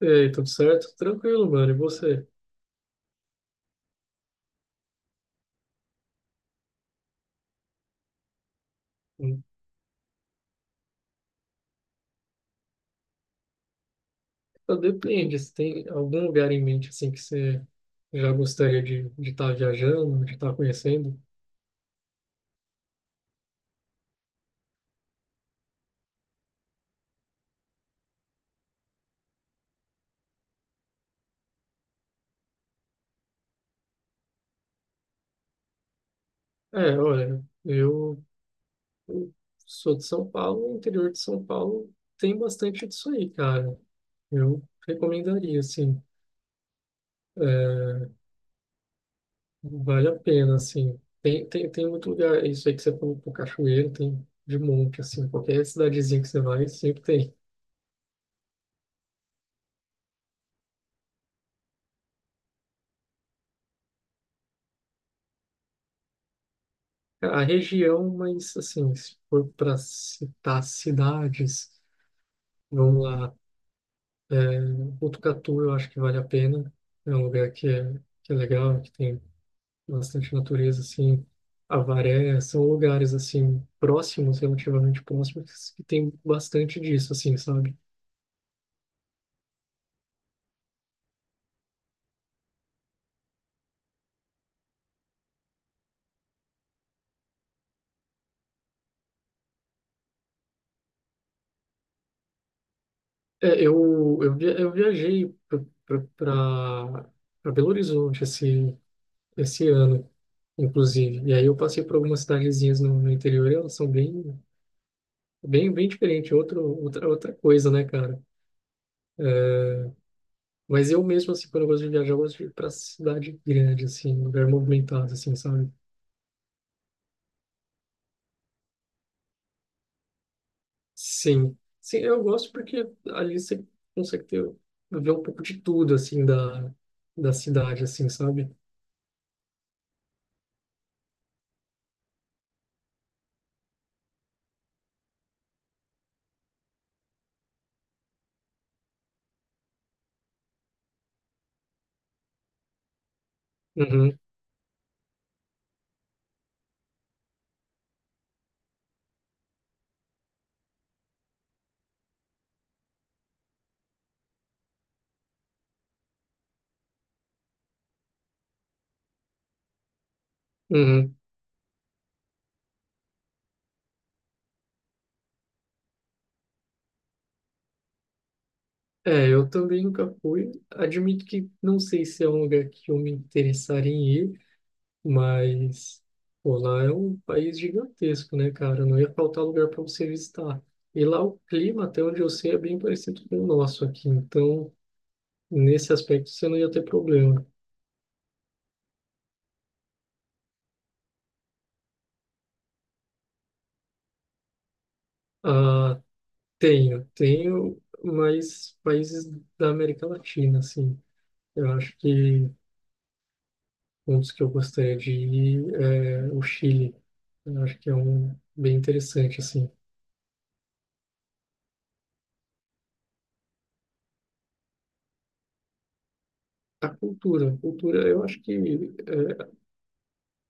Ei, tudo certo? Tranquilo, mano. E você? Hum, Depende, se tem algum lugar em mente assim que você já gostaria de estar viajando, de estar conhecendo? É, olha, eu sou de São Paulo, o interior de São Paulo tem bastante disso aí, cara. Eu recomendaria, assim, é, vale a pena, assim. Tem muito lugar, isso aí que você falou, pô, cachoeira, tem de monte, assim, qualquer cidadezinha que você vai, sempre tem. A região, mas assim, se for para citar cidades, vamos lá. É, Botucatu eu acho que vale a pena. É um lugar que é, que é legal, que tem bastante natureza, assim. Avaré, são lugares, assim, próximos, relativamente próximos, que tem bastante disso, assim, sabe? É, eu viajei para Belo Horizonte esse ano, inclusive. E aí eu passei por algumas cidadezinhas no interior, elas são bem diferente, outra coisa, né, cara? É, mas eu mesmo, assim, quando eu gosto de viajar, eu gosto de ir pra cidade grande, assim, lugar movimentado, assim, sabe? Sim. Sim, eu gosto porque ali você consegue ter, ver um pouco de tudo, assim, da cidade, assim, sabe? Uhum, uhum. É, eu também nunca fui. Admito que não sei se é um lugar que eu me interessaria em ir, mas, pô, lá é um país gigantesco, né, cara? Não ia faltar lugar para você visitar. E lá o clima, até onde eu sei, é bem parecido com o nosso aqui. Então, nesse aspecto, você não ia ter problema. Ah, tenho, mas países da América Latina, assim. Eu acho que um dos que eu gostaria de ir é o Chile. Eu acho que é um bem interessante, assim. A cultura, eu acho que é,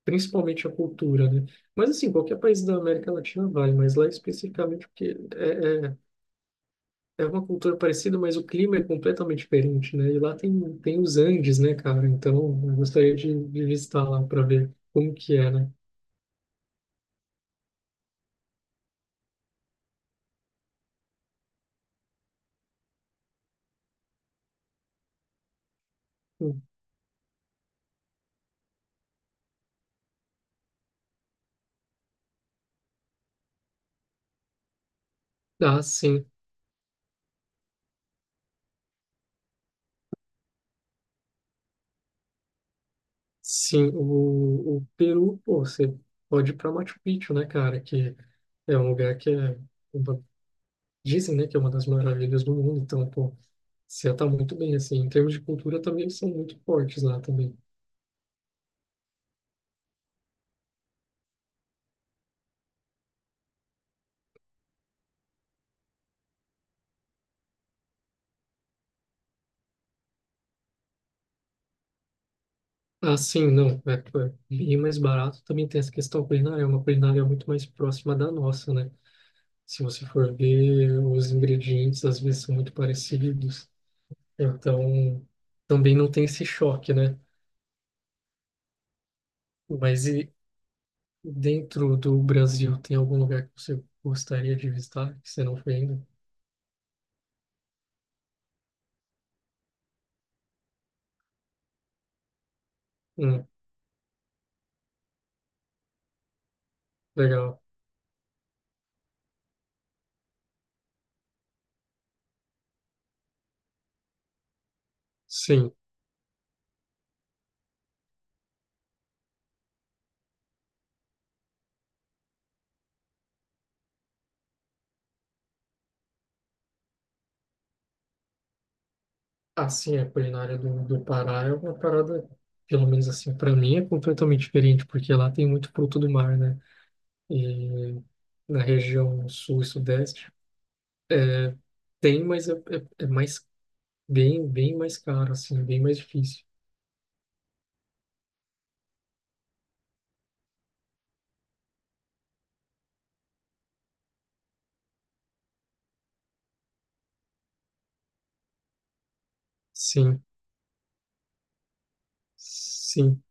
principalmente a cultura, né? Mas assim, qualquer país da América Latina vale, mas lá especificamente é uma cultura parecida, mas o clima é completamente diferente, né? E lá tem os Andes, né, cara? Então, eu gostaria de visitar lá para ver como que é, né? Hum, ah, sim, o Peru, pô, você pode ir para Machu Picchu, né, cara? Que é um lugar que é, uma- Dizem, né, que é uma das maravilhas do mundo, então, pô, você tá muito bem, assim, em termos de cultura também eles são muito fortes lá também. Ah, sim, não. É, é bem mais barato. Também tem essa questão culinária. É uma culinária muito mais próxima da nossa, né? Se você for ver, os ingredientes às vezes são muito parecidos. Então, também não tem esse choque, né? Mas e dentro do Brasil, tem algum lugar que você gostaria de visitar, que você não foi ainda? Hum, legal. Sim. Assim, a culinária do Pará é uma parada, pelo menos assim, para mim é completamente diferente, porque lá tem muito fruto do mar, né? E na região sul e sudeste. Tem, mas é mais bem mais caro, assim, bem mais difícil. Sim, sim,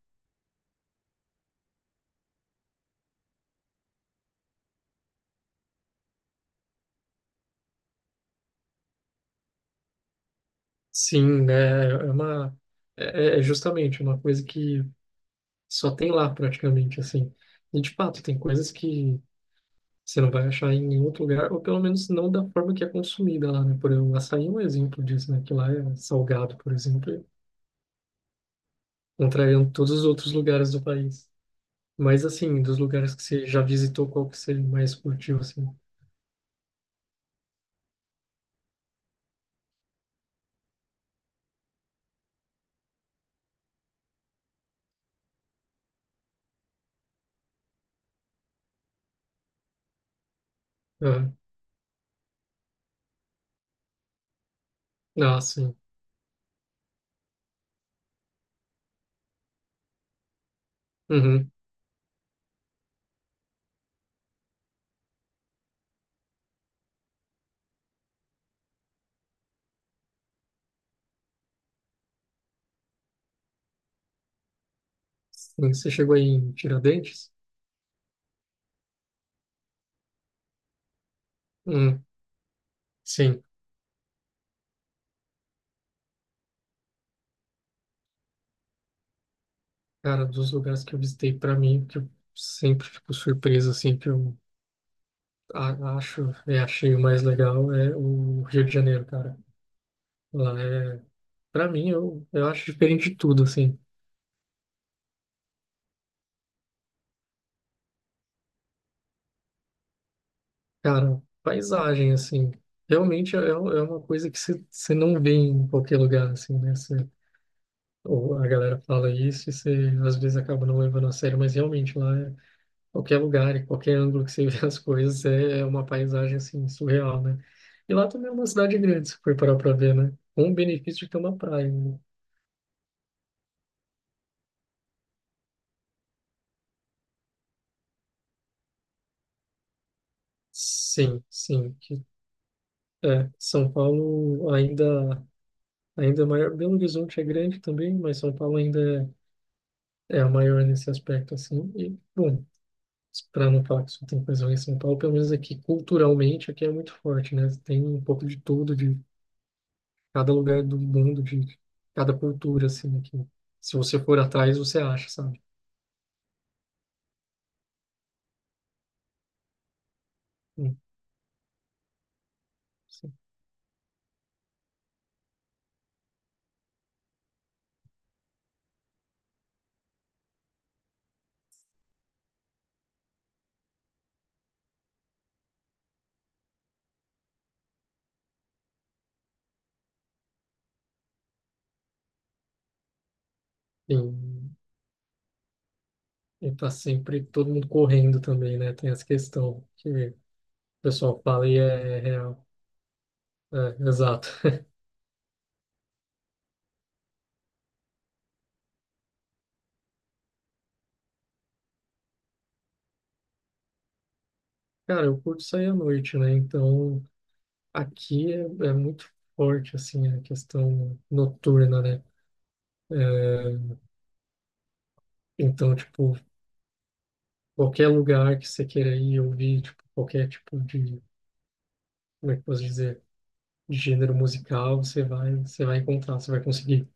sim, né? É é justamente uma coisa que só tem lá praticamente, assim. E de fato, tem coisas que você não vai achar em nenhum outro lugar, ou pelo menos não da forma que é consumida lá, né? Por exemplo, o açaí é um exemplo disso, né? Que lá é salgado, por exemplo, contrariando todos os outros lugares do país. Mas assim, dos lugares que você já visitou, qual que você mais curtiu, assim? Ah, ah, sim. Uhum. Sim, você chegou aí em Tiradentes? Hum, sim. Cara, dos lugares que eu visitei, para mim, que eu sempre fico surpreso, assim, acho e achei o mais legal é o Rio de Janeiro, cara. Lá é, Para mim, eu acho diferente de tudo, assim. Cara, paisagem, assim, realmente é um, é uma coisa que você não vê em qualquer lugar, assim, né? Você, ou a galera fala isso e você às vezes acaba não levando a sério, mas realmente lá é qualquer lugar e qualquer ângulo que você vê as coisas é uma paisagem assim surreal, né? E lá também é uma cidade grande, se for parar para ver, né? Com o benefício de ter uma praia. Né? Sim, que é, São Paulo ainda é maior. Belo Horizonte é grande também, mas São Paulo ainda é a maior nesse aspecto assim. E bom, para não falar que só tem coisa ruim em São Paulo, pelo menos aqui culturalmente aqui é muito forte, né? Tem um pouco de tudo, cada lugar do mundo, de cada cultura, assim, né, que se você for atrás, você acha, sabe? Hum, sim. E, e tá sempre todo mundo correndo também, né? Tem essa questão que o pessoal fala e é real. É, exato. Cara, eu curto sair à noite, né? Então, aqui é, é muito forte, assim, a questão noturna, né? É, então, tipo, qualquer lugar que você queira ir ouvir, tipo, qualquer tipo de, como é que eu posso dizer? De gênero musical, você vai encontrar, você vai conseguir.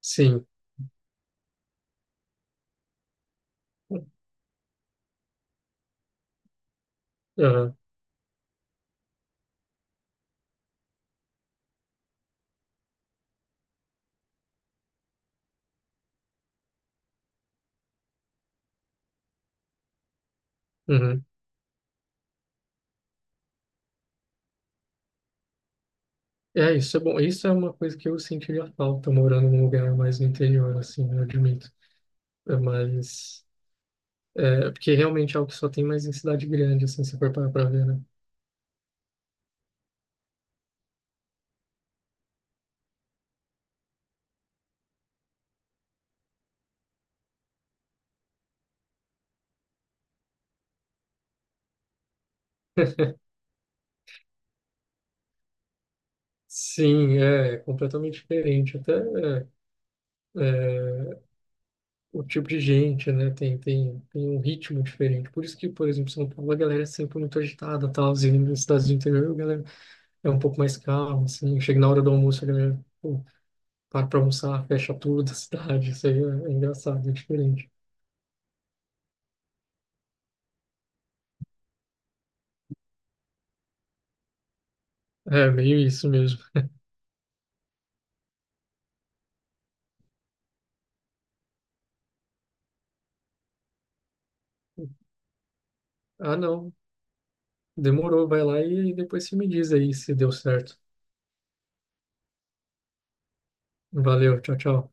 Sim. Aham, uhum. É, isso é bom. Isso é uma coisa que eu sentiria falta morando num lugar mais no interior, assim, eu admito. É, mas, é, porque realmente é algo que só tem mais em cidade grande, assim, se for parar pra ver, né? Sim, é, é completamente diferente. É, o tipo de gente, né? Tem um ritmo diferente. Por isso que, por exemplo, São Paulo, a galera é sempre muito agitada, tal, e nas cidades do interior, a galera é um pouco mais calmo, assim. Chega na hora do almoço, a galera, pô, para pra almoçar, fecha tudo a cidade. Isso aí é engraçado, é diferente. É, meio isso mesmo. Ah, não. Demorou, vai lá e depois você me diz aí se deu certo. Valeu, tchau, tchau.